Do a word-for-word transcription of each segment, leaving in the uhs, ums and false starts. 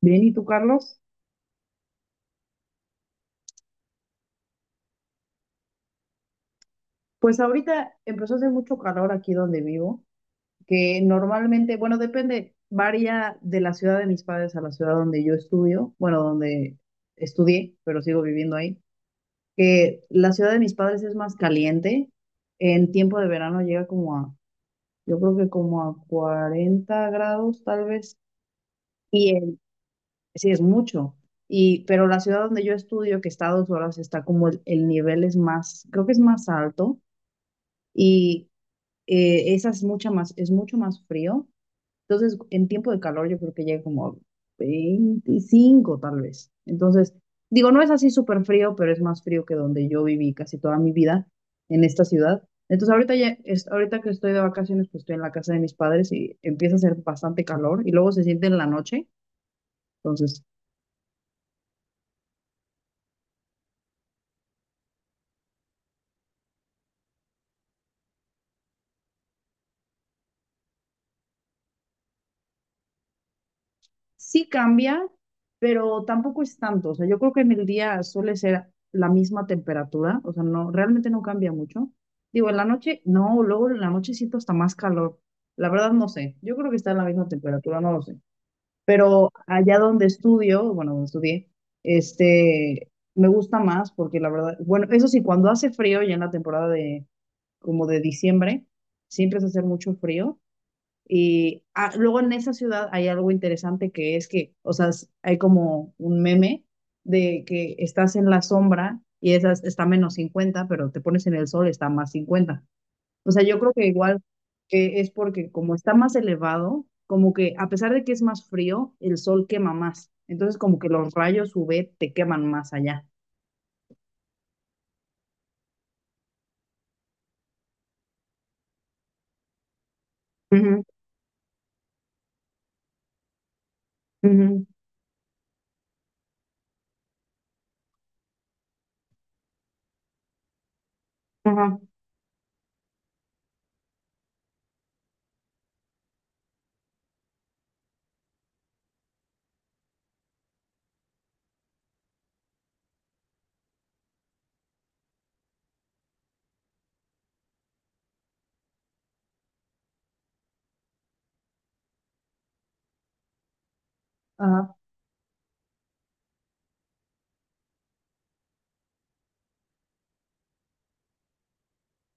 Bien, ¿y tú, Carlos? Pues ahorita empezó a hacer mucho calor aquí donde vivo, que normalmente, bueno, depende, varía de la ciudad de mis padres a la ciudad donde yo estudio, bueno, donde estudié, pero sigo viviendo ahí, que la ciudad de mis padres es más caliente. En tiempo de verano llega como a, yo creo que como a cuarenta grados tal vez. y en- sí es mucho, y, pero la ciudad donde yo estudio, que está a dos horas, está como el el nivel es más, creo que es más alto. Y eh, esa es mucha más, es mucho más frío. Entonces, en tiempo de calor yo creo que llega como a veinticinco tal vez. Entonces, digo, no es así súper frío, pero es más frío que donde yo viví casi toda mi vida en esta ciudad. Entonces, ahorita ya, es- ahorita que estoy de vacaciones, pues estoy en la casa de mis padres y empieza a hacer bastante calor y luego se siente en la noche. Entonces, sí cambia, pero tampoco es tanto. O sea, yo creo que en el día suele ser la misma temperatura. O sea, no, realmente no cambia mucho. Digo, en la noche, no, luego en la noche siento hasta más calor. La verdad no sé. Yo creo que está en la misma temperatura, no lo sé. Pero allá donde estudio, bueno, donde estudié, este, me gusta más porque la verdad, bueno, eso sí, cuando hace frío, ya en la temporada de, como de diciembre, siempre hace hacer mucho frío y ah, luego en esa ciudad hay algo interesante que es que, o sea, s- hay como un meme de que estás en la sombra y esas está menos cincuenta pero te pones en el sol, está más cincuenta. O sea, yo creo que igual que es porque como está más elevado, como que a pesar de que es más frío, el sol quema más. Entonces como que los rayos U V te queman más allá. Ujú, ujú, ajá. Ajá.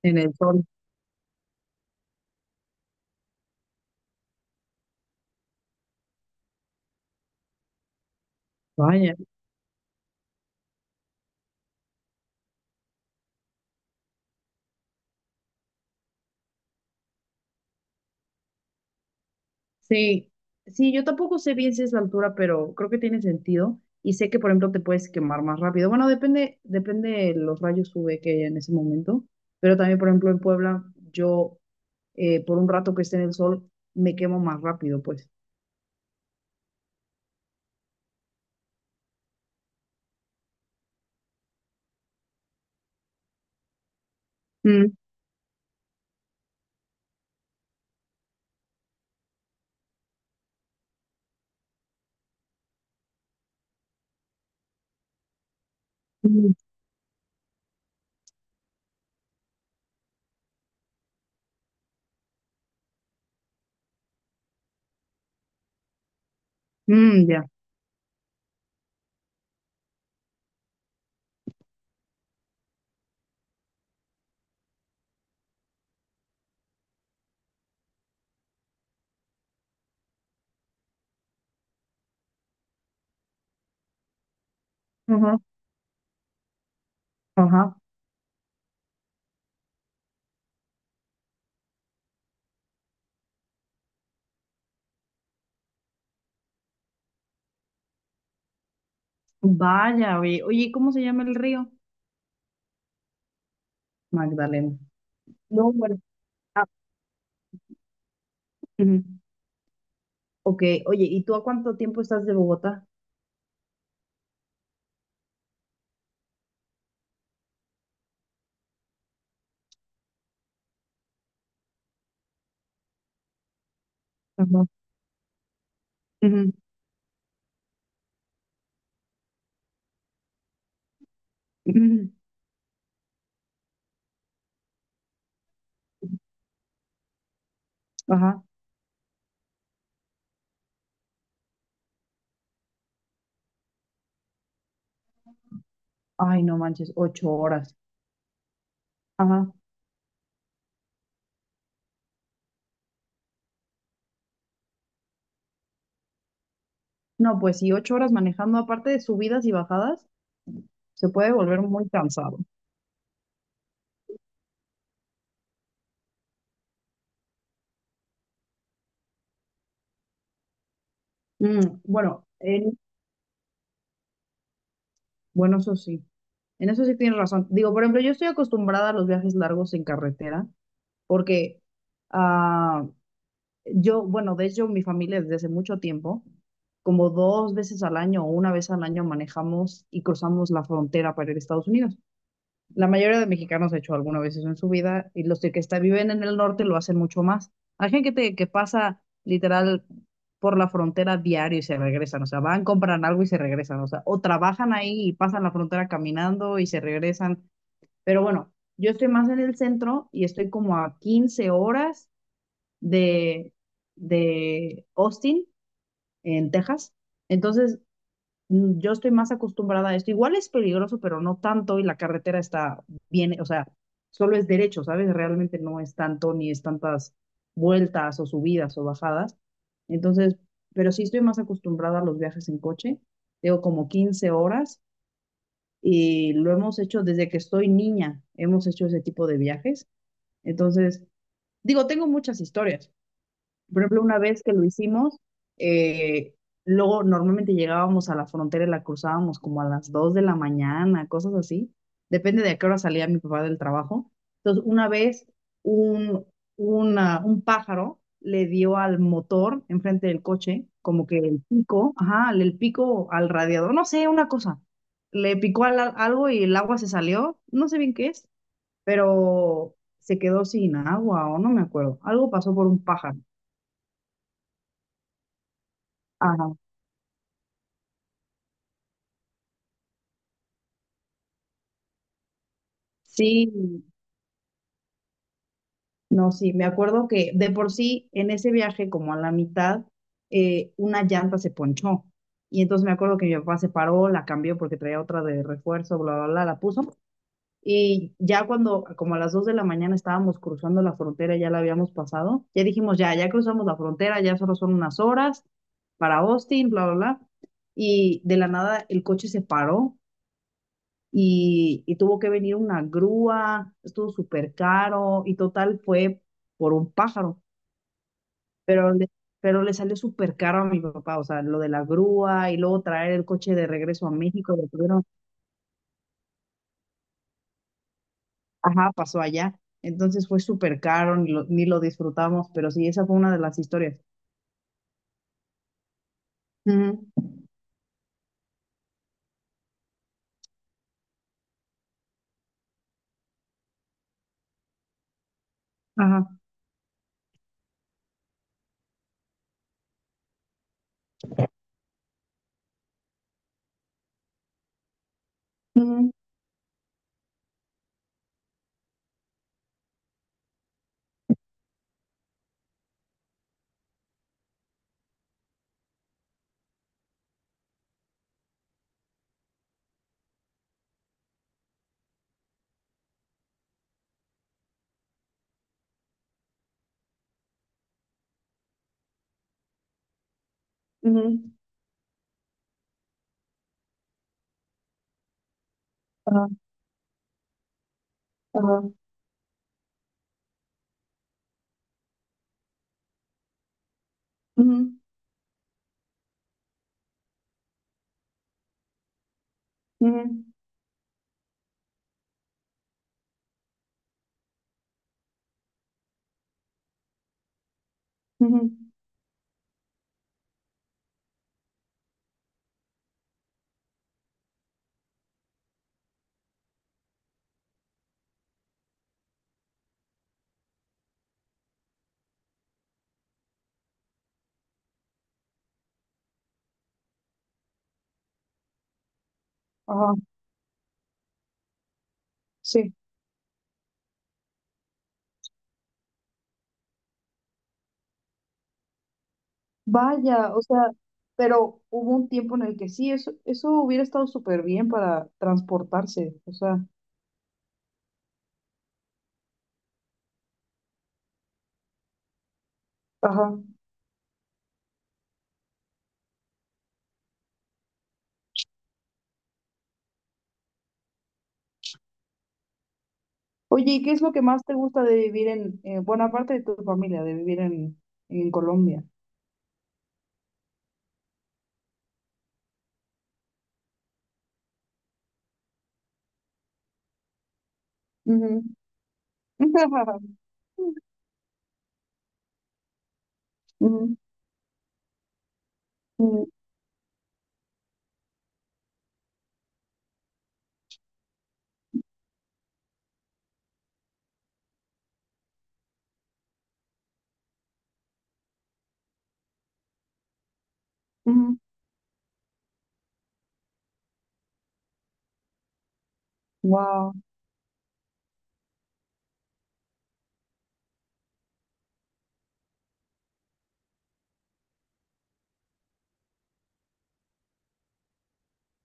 En el sol. Vaya. Sí, sí, yo tampoco sé bien si es la altura, pero creo que tiene sentido. Y sé que, por ejemplo, te puedes quemar más rápido. Bueno, depende, depende de los rayos U V que haya en ese momento. Pero también, por ejemplo, en Puebla, yo eh, por un rato que esté en el sol, me quemo más rápido, pues. Mm, mm, mm, ya. Ajá, ajá. Vaya, oye. Oye, ¿cómo se llama el río? Magdalena. No, bueno. Ah, ujú. Ok, oye, ¿y tú a cuánto tiempo estás de Bogotá? Ajá. Ujú, ujú, ajá. Ay, no manches, ocho horas. Ajá. No, pues sí, ocho horas manejando, aparte de subidas y bajadas, se puede volver muy cansado. Mm, bueno, en, bueno, eso sí, en eso sí tienes razón. Digo, por ejemplo, yo estoy acostumbrada a los viajes largos en carretera, porque ah, yo, bueno, de hecho, mi familia desde hace mucho tiempo, como dos veces al año o una vez al año manejamos y cruzamos la frontera para ir a Estados Unidos. La mayoría de mexicanos ha hecho alguna vez eso en su vida y los que está- viven en el norte lo hacen mucho más. Hay gente que, que pasa literal por la frontera diario y se regresan, o sea, van, compran algo y se regresan, o sea, o trabajan ahí y pasan la frontera caminando y se regresan. Pero bueno, yo estoy más en el centro y estoy como a quince horas de, de, Austin, en Texas. Entonces, mm, yo estoy más acostumbrada a esto. Igual es peligroso, pero no tanto y la carretera está bien, o sea, solo es derecho, ¿sabes? Realmente no es tanto ni es tantas vueltas o subidas o bajadas. Entonces, pero sí estoy más acostumbrada a los viajes en coche. Tengo como quince horas y lo hemos hecho desde que estoy niña, hemos hecho ese tipo de viajes. Entonces, digo, tengo muchas historias. Por ejemplo, una vez que lo hicimos, eh, luego normalmente llegábamos a la frontera y la cruzábamos como a las dos de la mañana, cosas así. Depende de a qué hora salía mi papá del trabajo. Entonces, una vez un, una- un pájaro le dio al motor enfrente del coche, como que el pico, ajá, el pico al radiador, no sé, una cosa. Le picó al- algo y el agua se salió, no sé bien qué es, pero se quedó sin agua o no me acuerdo. Algo pasó por un pájaro. Sí, no, sí, me acuerdo que de por sí en ese viaje, como a la mitad, eh, una llanta se ponchó. Y entonces me acuerdo que mi papá se paró, la cambió porque traía otra de refuerzo, bla, bla, bla, la puso. Y ya cuando, como a las dos de la mañana estábamos cruzando la frontera, ya la habíamos pasado, ya dijimos, ya, ya cruzamos la frontera, ya solo son unas horas para Austin, bla, bla, bla. Y de la nada el coche se paró y, y tuvo que venir una grúa, estuvo súper caro y total fue por un pájaro, pero le, pero le salió súper caro a mi papá, o sea, lo de la grúa y luego traer el coche de regreso a México, lo tuvieron, ajá, pasó allá, entonces fue súper caro, ni lo, ni lo disfrutamos, pero sí, esa fue una de las historias. Ujú, ajá. Ujú, ujú, ajá, ajá, ujú, ujú, ujú, ajá, sí. Vaya, o sea, pero hubo un tiempo en el que sí, eso, eso hubiera estado súper bien para transportarse, o sea, ajá. Oye, ¿y qué es lo que más te gusta de vivir en, eh, bueno, aparte de tu familia, de vivir en, en Colombia? Ujú. Ujú, ujú, ujú. Wow,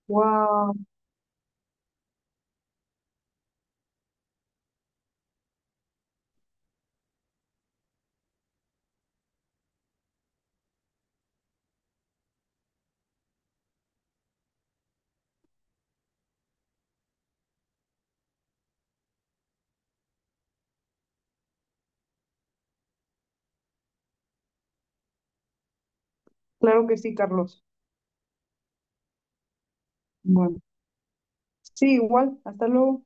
wow. Claro que sí, Carlos. Bueno, sí, igual, hasta luego.